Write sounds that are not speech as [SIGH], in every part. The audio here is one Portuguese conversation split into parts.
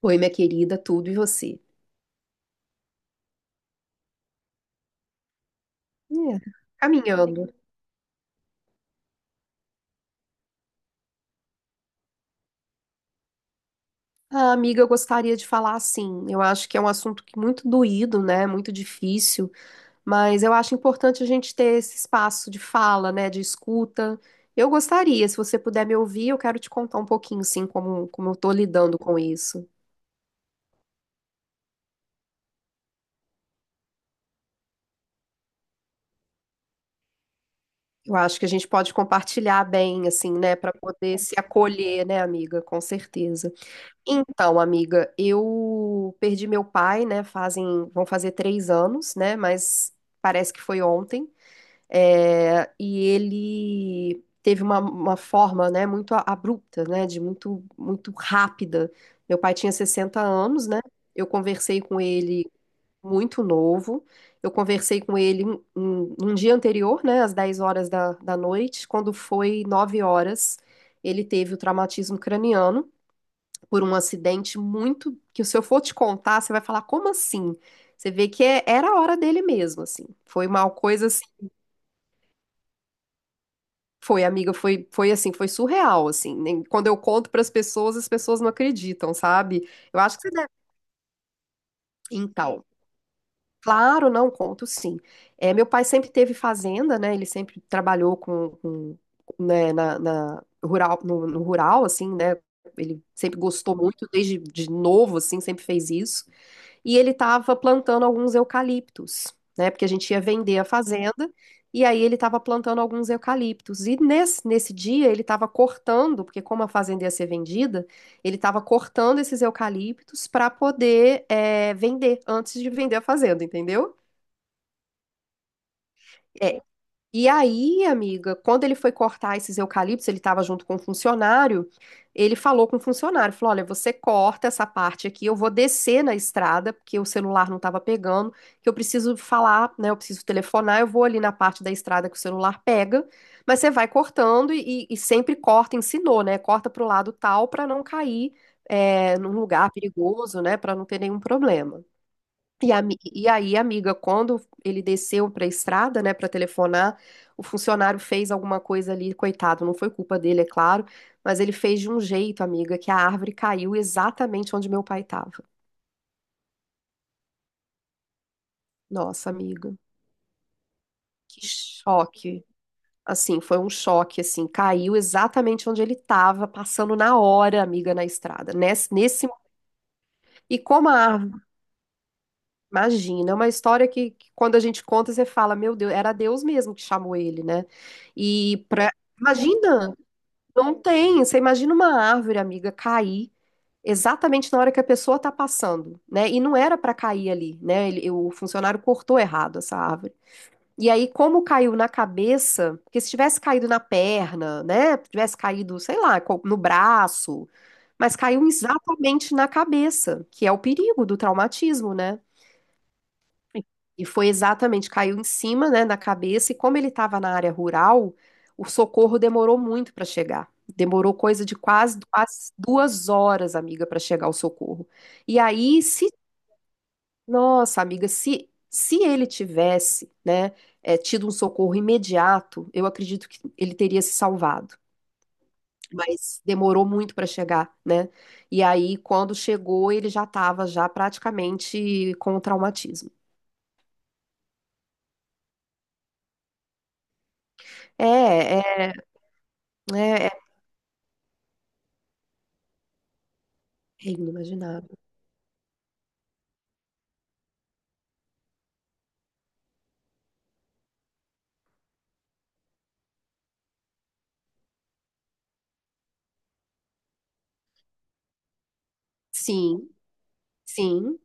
Oi, minha querida, tudo e você? É. Caminhando. Ah, amiga, eu gostaria de falar assim. Eu acho que é um assunto que muito doído, né? Muito difícil, mas eu acho importante a gente ter esse espaço de fala, né? De escuta. Eu gostaria, se você puder me ouvir, eu quero te contar um pouquinho, assim, como eu tô lidando com isso. Eu acho que a gente pode compartilhar bem, assim, né? Para poder se acolher, né, amiga? Com certeza. Então, amiga, eu perdi meu pai, né? Fazem, vão fazer 3 anos, né? Mas parece que foi ontem. É, e ele teve uma forma, né? Muito abrupta, né? De muito rápida. Meu pai tinha 60 anos, né? Eu conversei com ele muito novo. Eu conversei com ele um dia anterior, né? Às 10 horas da noite. Quando foi 9 horas, ele teve o traumatismo craniano por um acidente muito que se eu for te contar, você vai falar, como assim? Você vê que era a hora dele mesmo, assim. Foi uma coisa assim, foi, assim, foi surreal, assim. Quando eu conto para as pessoas não acreditam, sabe? Eu acho que você deve. Então, claro, não conto, sim. É, meu pai sempre teve fazenda, né? Ele sempre trabalhou né, na rural, no rural, assim, né? Ele sempre gostou muito desde de novo, assim, sempre fez isso. E ele estava plantando alguns eucaliptos, né? Porque a gente ia vender a fazenda, e aí ele estava plantando alguns eucaliptos. E nesse dia ele estava cortando, porque como a fazenda ia ser vendida, ele estava cortando esses eucaliptos para poder vender antes de vender a fazenda, entendeu? E aí, amiga, quando ele foi cortar esses eucaliptos, ele estava junto com um funcionário, ele falou com o funcionário, falou, olha, você corta essa parte aqui, eu vou descer na estrada, porque o celular não estava pegando, que eu preciso falar, né, eu preciso telefonar, eu vou ali na parte da estrada que o celular pega, mas você vai cortando e sempre corta, ensinou, né, corta para o lado tal para não cair num lugar perigoso, né, para não ter nenhum problema. E aí, amiga, quando ele desceu para a estrada, né, para telefonar, o funcionário fez alguma coisa ali, coitado, não foi culpa dele, é claro, mas ele fez de um jeito, amiga, que a árvore caiu exatamente onde meu pai estava. Nossa, amiga, que choque. Assim, foi um choque, assim, caiu exatamente onde ele estava, passando na hora, amiga, na estrada. Nesse, nesse, e como a Imagina, é uma história que quando a gente conta, você fala, meu Deus, era Deus mesmo que chamou ele, né? E pra... Imagina, não tem. Você imagina uma árvore, amiga, cair exatamente na hora que a pessoa tá passando, né? E não era pra cair ali, né? O funcionário cortou errado essa árvore. E aí, como caiu na cabeça, porque se tivesse caído na perna, né? Tivesse caído, sei lá, no braço, mas caiu exatamente na cabeça, que é o perigo do traumatismo, né? E foi exatamente, caiu em cima, né, na cabeça, e como ele estava na área rural, o socorro demorou muito para chegar. Demorou coisa de quase 2 horas, amiga, para chegar o socorro. E aí, se, nossa, amiga, se ele tivesse, né, tido um socorro imediato, eu acredito que ele teria se salvado. Mas demorou muito para chegar, né? E aí, quando chegou, ele já estava já praticamente com o traumatismo. É, é, é, É inimaginável. Sim, sim.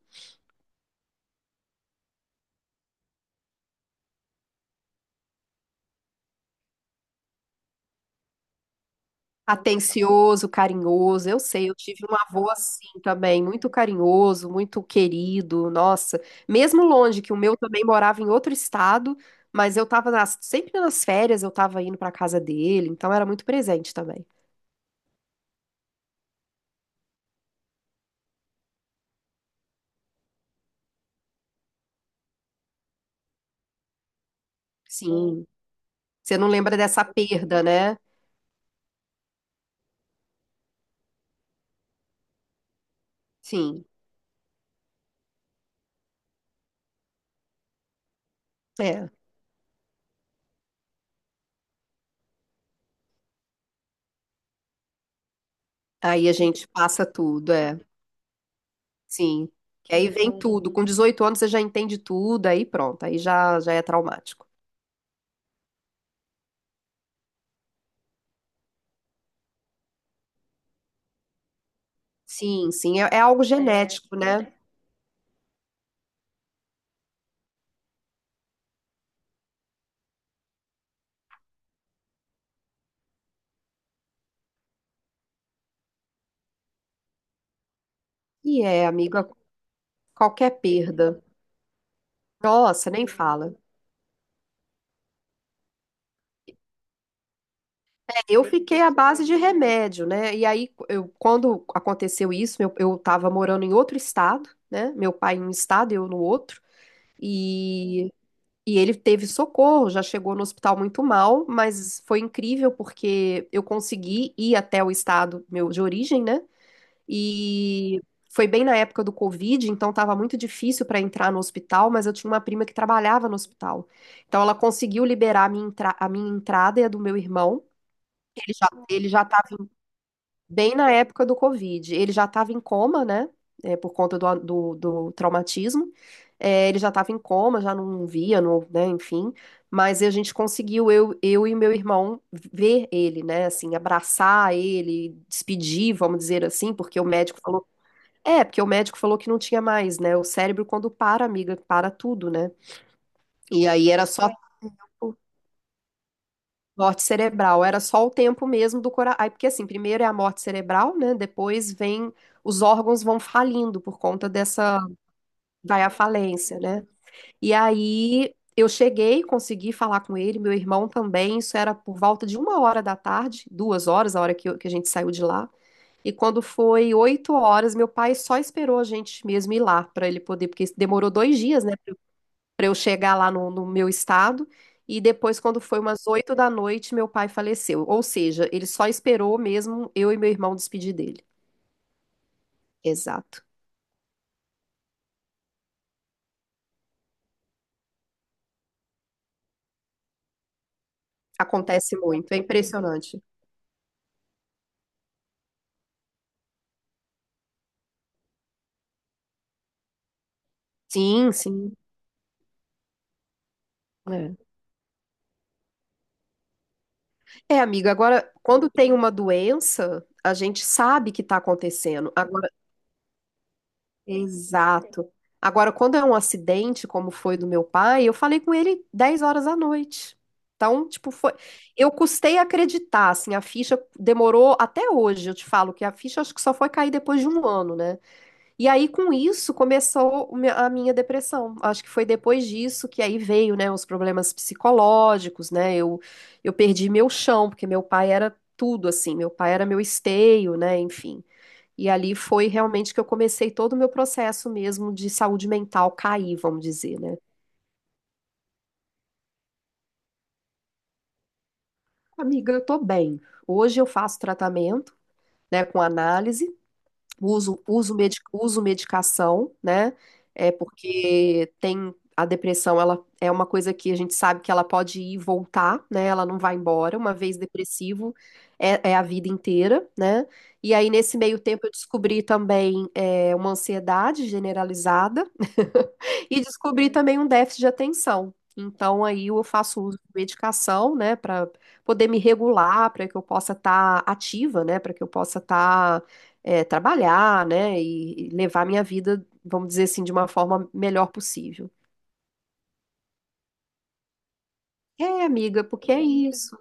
Atencioso, carinhoso. Eu sei, eu tive um avô assim também, muito carinhoso, muito querido. Nossa, mesmo longe, que o meu também morava em outro estado, mas eu tava sempre nas férias, eu tava indo pra casa dele, então era muito presente também. Sim. Você não lembra dessa perda, né? Sim. É. Aí a gente passa tudo, é. Sim. Que aí vem tudo. Com 18 anos você já entende tudo, aí pronto, aí já é traumático. Sim, sim, é, é algo genético, né? E é, amiga, qualquer perda. Nossa, nem fala. É, eu fiquei à base de remédio, né? E aí, eu, quando aconteceu isso, eu estava morando em outro estado, né? Meu pai em um estado, eu no outro. E, e ele teve socorro, já chegou no hospital muito mal, mas foi incrível porque eu consegui ir até o estado meu de origem, né? E foi bem na época do Covid, então estava muito difícil para entrar no hospital, mas eu tinha uma prima que trabalhava no hospital. Então ela conseguiu liberar a minha, a minha entrada e a do meu irmão. Ele já estava bem na época do Covid. Ele já estava em coma, né? É, por conta do traumatismo. É, ele já estava em coma, já não via, não, né? Enfim. Mas a gente conseguiu, eu e meu irmão, ver ele, né? Assim, abraçar ele, despedir, vamos dizer assim, porque o médico falou que não tinha mais, né? O cérebro, quando para, amiga, para tudo, né? E aí era só o Morte cerebral, era só o tempo mesmo do coração. Aí, porque assim, primeiro é a morte cerebral, né? Depois vem, os órgãos vão falindo por conta dessa, vai à falência, né? E aí eu cheguei, consegui falar com ele, meu irmão também, isso era por volta de 1 hora da tarde, 2 horas, a hora que, que a gente saiu de lá. E quando foi 8 horas, meu pai só esperou a gente mesmo ir lá para ele poder, porque demorou 2 dias, né? Para eu chegar lá no meu estado. E depois, quando foi umas 8 da noite, meu pai faleceu. Ou seja, ele só esperou mesmo eu e meu irmão despedir dele. Exato. Acontece muito, é impressionante. Sim, sim. É. É, amiga, agora, quando tem uma doença, a gente sabe que está acontecendo. Exato. Agora, quando é um acidente, como foi do meu pai, eu falei com ele 10 horas da noite. Então, tipo, foi. Eu custei acreditar, assim, a ficha demorou até hoje, eu te falo que a ficha acho que só foi cair depois de um ano, né? E aí, com isso, começou a minha depressão. Acho que foi depois disso que aí veio, né, os problemas psicológicos, né? Eu perdi meu chão, porque meu pai era tudo, assim, meu pai era meu esteio, né? Enfim. E ali foi realmente que eu comecei todo o meu processo mesmo de saúde mental cair, vamos dizer, né? Amiga, eu tô bem. Hoje eu faço tratamento, né, com análise, uso medicação, né? É porque tem a depressão, ela é uma coisa que a gente sabe que ela pode ir e voltar, né? Ela não vai embora. Uma vez depressivo, é, é a vida inteira, né? E aí, nesse meio tempo, eu descobri também uma ansiedade generalizada [LAUGHS] e descobri também um déficit de atenção. Então, aí eu faço uso de medicação, né, para poder me regular, para que eu possa estar ativa, né, para que eu possa estar trabalhar, né, e levar minha vida, vamos dizer assim, de uma forma melhor possível. É, amiga, porque é isso.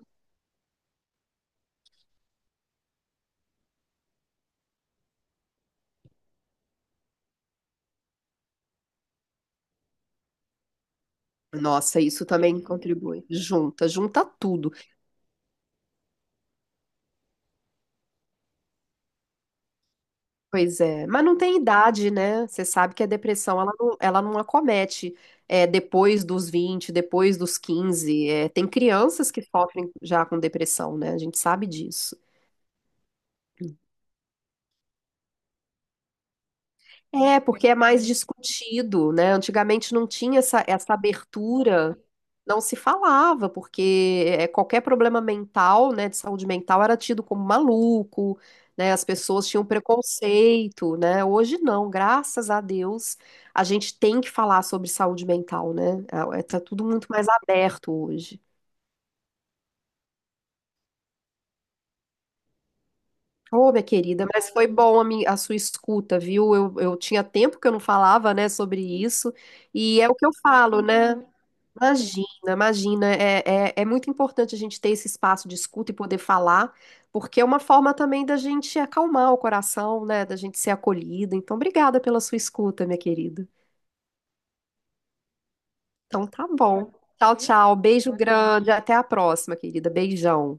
Nossa, isso também contribui. Junta, junta tudo. Pois é, mas não tem idade, né? Você sabe que a depressão, ela não acomete depois dos 20, depois dos 15. É, tem crianças que sofrem já com depressão, né? A gente sabe disso. É, porque é mais discutido, né? Antigamente não tinha essa abertura não se falava, porque é, qualquer problema mental, né, de saúde mental era tido como maluco, né, as pessoas tinham preconceito, né? Hoje não, graças a Deus, a gente tem que falar sobre saúde mental, né? Tá tudo muito mais aberto hoje. Ô, minha querida, mas foi bom a sua escuta, viu? Eu tinha tempo que eu não falava, né, sobre isso, e é o que eu falo, né? Imagina, imagina. É muito importante a gente ter esse espaço de escuta e poder falar, porque é uma forma também da gente acalmar o coração, né? Da gente ser acolhida. Então, obrigada pela sua escuta, minha querida. Então, tá bom. Tchau, tchau. Beijo grande. Até a próxima, querida. Beijão.